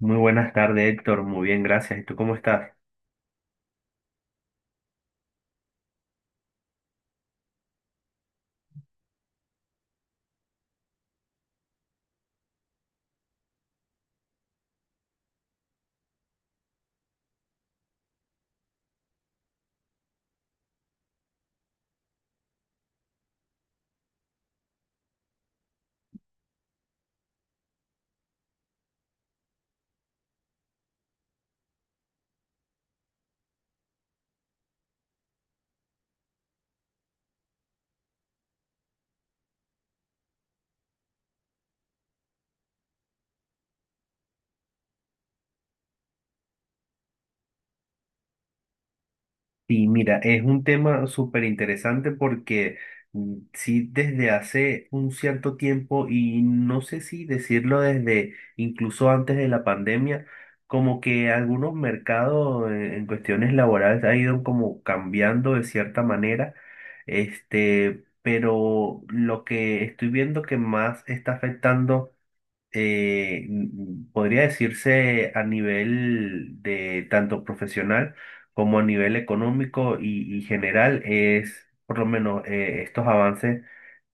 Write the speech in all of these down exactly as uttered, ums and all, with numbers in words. Muy buenas tardes, Héctor. Muy bien, gracias. ¿Y tú cómo estás? Y mira, es un tema súper interesante porque mm, sí, desde hace un cierto tiempo, y no sé si decirlo desde incluso antes de la pandemia, como que algunos mercados eh, en cuestiones laborales ha ido como cambiando de cierta manera. Este, pero lo que estoy viendo que más está afectando eh, mm, podría decirse a nivel de tanto profesional como a nivel económico y, y general es por lo menos eh, estos avances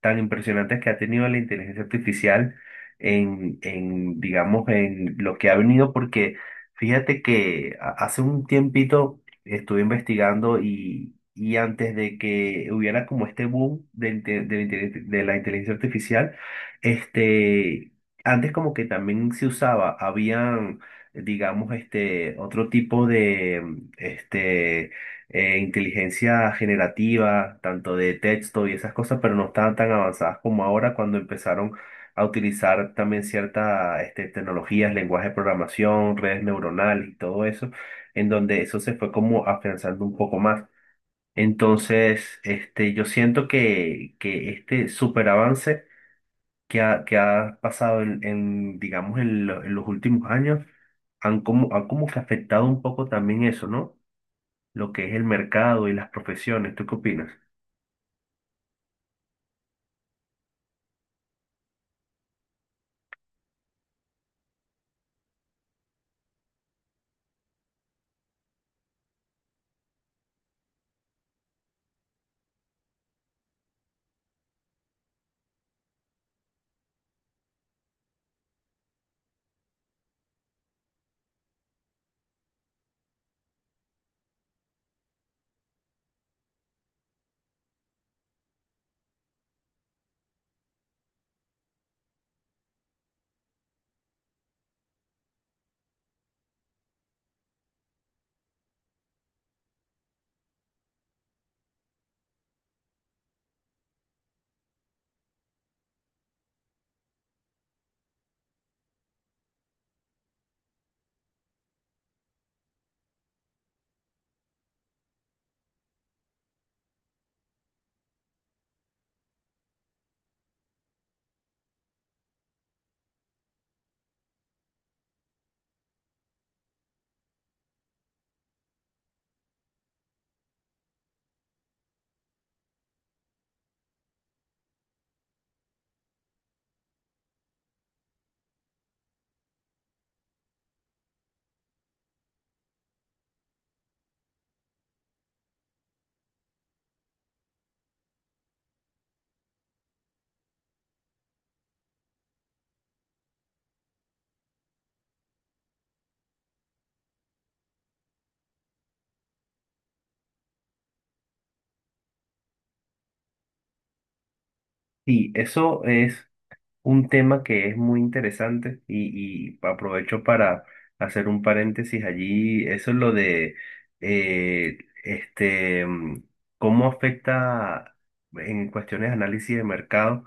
tan impresionantes que ha tenido la inteligencia artificial en, en, digamos, en lo que ha venido, porque fíjate que a- hace un tiempito estuve investigando y, y antes de que hubiera como este boom de, inte- de la inte- de la inteligencia artificial, este, antes como que también se usaba, habían digamos, este, otro tipo de, este, eh, inteligencia generativa, tanto de texto y esas cosas, pero no estaban tan avanzadas como ahora cuando empezaron a utilizar también ciertas este, tecnologías, lenguaje de programación, redes neuronales y todo eso, en donde eso se fue como afianzando un poco más. Entonces, este, yo siento que, que este superavance que ha, que ha pasado en, en, digamos, en, lo- en los últimos años, han como, han como que afectado un poco también eso, ¿no? Lo que es el mercado y las profesiones. ¿Tú qué opinas? Sí, eso es un tema que es muy interesante y, y aprovecho para hacer un paréntesis allí. Eso es lo de eh, este, mm, cómo afecta en cuestiones de análisis de mercado.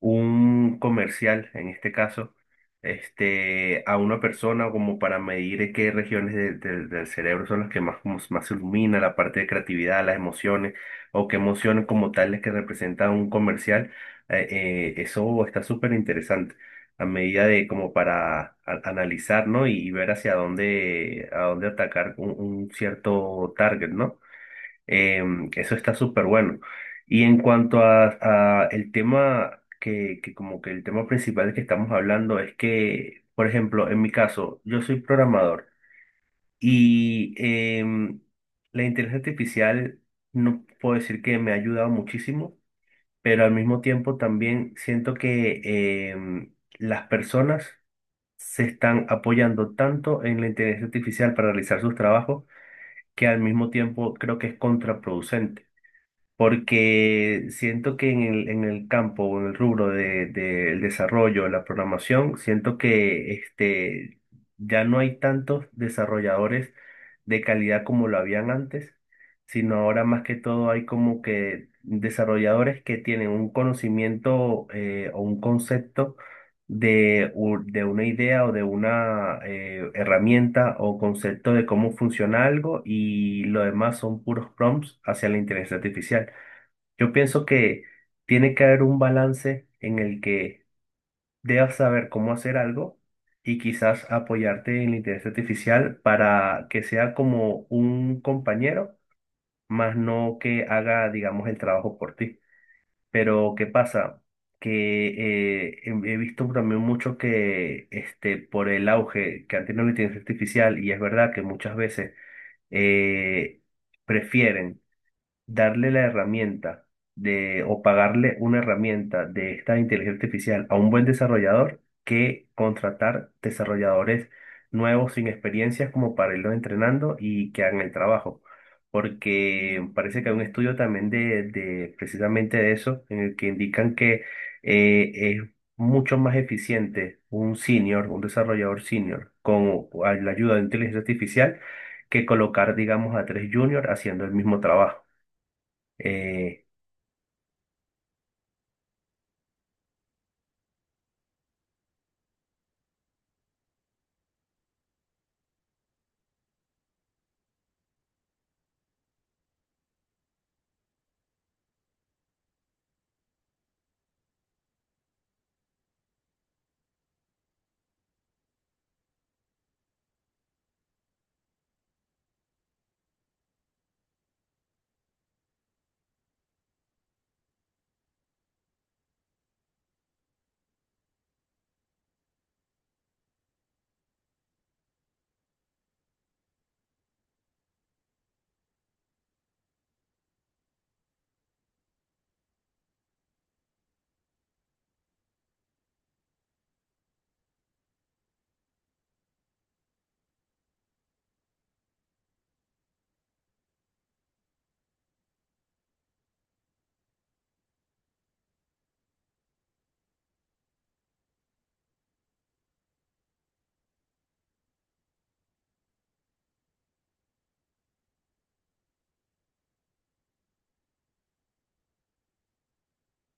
Un comercial, en este caso, este, a una persona como para medir qué regiones de- de- del cerebro son las que más, como más se ilumina, la parte de creatividad, las emociones, o qué emociones como tales que representa un comercial, eh, eh, eso está súper interesante. A medida de como para a- analizar, ¿no? Y ver hacia dónde, a dónde atacar un, un cierto target, ¿no? Em, eso está súper bueno. Y en cuanto a, a el tema que, que como que el tema principal que estamos hablando es que, por ejemplo, en mi caso, yo soy programador y em, la inteligencia artificial no puedo decir que me ha ayudado muchísimo, pero al mismo tiempo también siento que em, las personas se están apoyando tanto en la inteligencia artificial para realizar sus trabajos que al mismo tiempo creo que es contraproducente porque siento que en el, en el campo o en el rubro de, de el desarrollo, la programación, siento que este, ya no hay tantos desarrolladores de calidad como lo habían antes, sino ahora más que todo hay como que desarrolladores que tienen un conocimiento eh, o un concepto de, u- de una idea o de una eh, herramienta o concepto de cómo funciona algo y lo demás son puros prompts hacia la inteligencia artificial. Yo pienso que tiene que haber un balance en el que debas saber cómo hacer algo y quizás apoyarte en la inteligencia artificial para que sea como un compañero, más no que haga, digamos, el trabajo por ti. Pero ¿qué pasa? Que eh, he he visto también mucho que este, por el auge que han tenido la inteligencia artificial, y es verdad que muchas veces eh, prefieren darle la herramienta de, o pagarle una herramienta de esta inteligencia artificial a un buen desarrollador que contratar desarrolladores nuevos sin experiencias como para irlos entrenando y que hagan el trabajo. Porque parece que hay un estudio también de, de precisamente de eso, en el que indican que eh, es mucho más eficiente un senior, un desarrollador senior, con la ayuda de inteligencia artificial, que colocar, digamos, a tres juniors haciendo el mismo trabajo. Eh,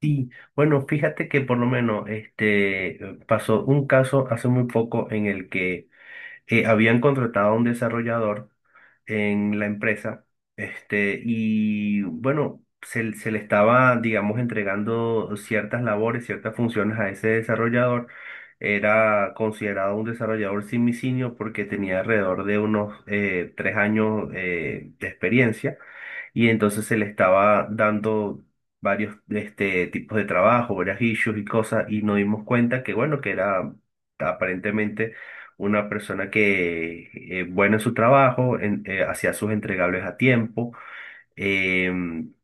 y bueno, fíjate que por lo menos este pasó un caso hace muy poco en el que eh, habían contratado a un desarrollador en la empresa, este, y bueno, se, se le estaba, digamos, entregando ciertas labores, ciertas funciones a ese desarrollador. Era considerado un desarrollador simisinio porque tenía alrededor de unos eh, tres años eh, de experiencia y entonces se le estaba dando varios este, tipos de trabajo, varias issues y cosas, y nos dimos cuenta que, bueno, que era aparentemente una persona que, eh, buena en su trabajo, en- eh, hacía sus entregables a tiempo, eh,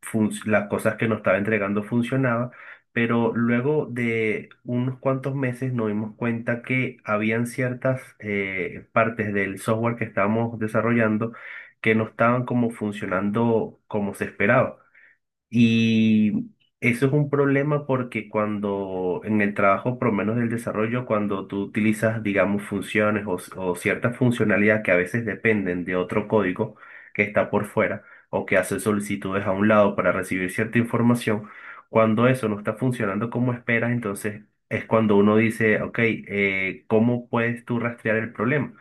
fun- las cosas que nos estaba entregando funcionaba, pero luego de unos cuantos meses nos dimos cuenta que habían ciertas eh, partes del software que estábamos desarrollando que no estaban como funcionando como se esperaba. Y eso es un problema porque cuando en el trabajo, por lo menos del desarrollo, cuando tú utilizas, digamos, funciones o, s- o cierta funcionalidad que a veces dependen de otro código que está por fuera o que hace solicitudes a un lado para recibir cierta información, cuando eso no está funcionando como esperas, entonces es cuando uno dice, ok, eh, ¿cómo puedes tú rastrear el problema?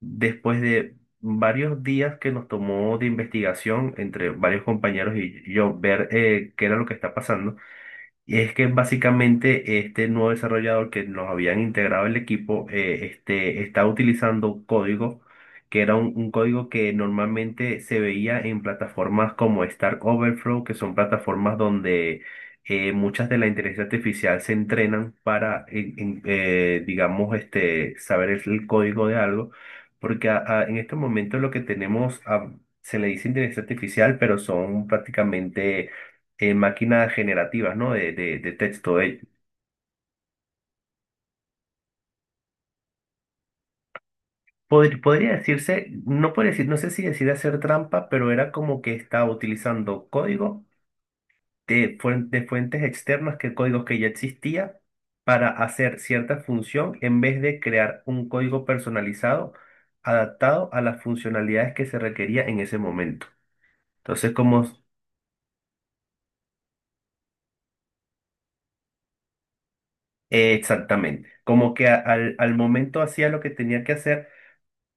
Después de varios días que nos tomó de investigación entre varios compañeros y yo ver eh, qué era lo que está pasando, y es que básicamente este nuevo desarrollador que nos habían integrado el equipo eh, este, está utilizando un código que era un, un código que normalmente se veía en plataformas como Stack Overflow, que son plataformas donde eh, muchas de la inteligencia artificial se entrenan para, en- en- eh, digamos, este, saber el, el código de algo, porque a- a- en estos momentos lo que tenemos ah, se le dice inteligencia artificial, pero son prácticamente en máquinas generativas, ¿no? De, de, de texto. Eh, pod- podría decirse, no puede decir, no sé si decir hacer trampa, pero era como que estaba utilizando código de, fuen- de fuentes externas, que códigos que ya existía, para hacer cierta función en vez de crear un código personalizado adaptado a las funcionalidades que se requería en ese momento. Entonces, como eh, exactamente, como que a- al, al momento hacía lo que tenía que hacer.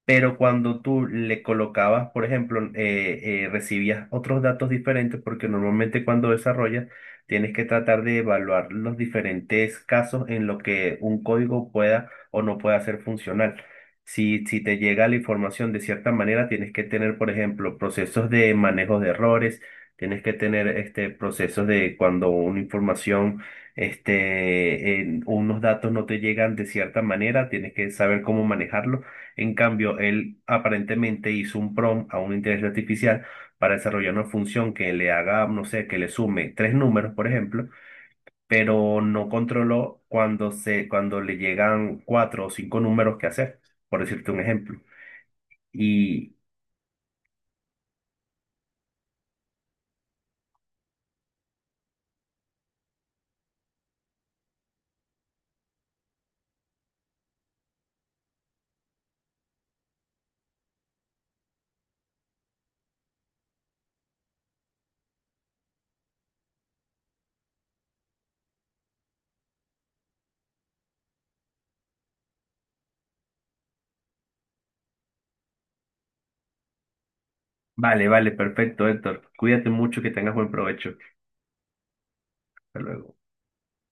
Pero cuando tú le colocabas, por ejemplo, eh, eh, recibías otros datos diferentes, porque normalmente cuando desarrollas tienes que tratar de evaluar los diferentes casos en lo que un código pueda o no pueda ser funcional. Si, si te llega la información de cierta manera, tienes que tener, por ejemplo, procesos de manejo de errores, tienes que tener este, procesos de cuando una información, este, en unos datos no te llegan de cierta manera, tienes que saber cómo manejarlo. En cambio, él aparentemente hizo un prompt a una inteligencia artificial para desarrollar una función que le haga, no sé, que le sume tres números, por ejemplo, pero no controló cuando se, cuando le llegan cuatro o cinco números que hacer, por decirte un ejemplo. Y vale, vale, perfecto, Héctor. Cuídate mucho, que tengas buen provecho. Hasta luego.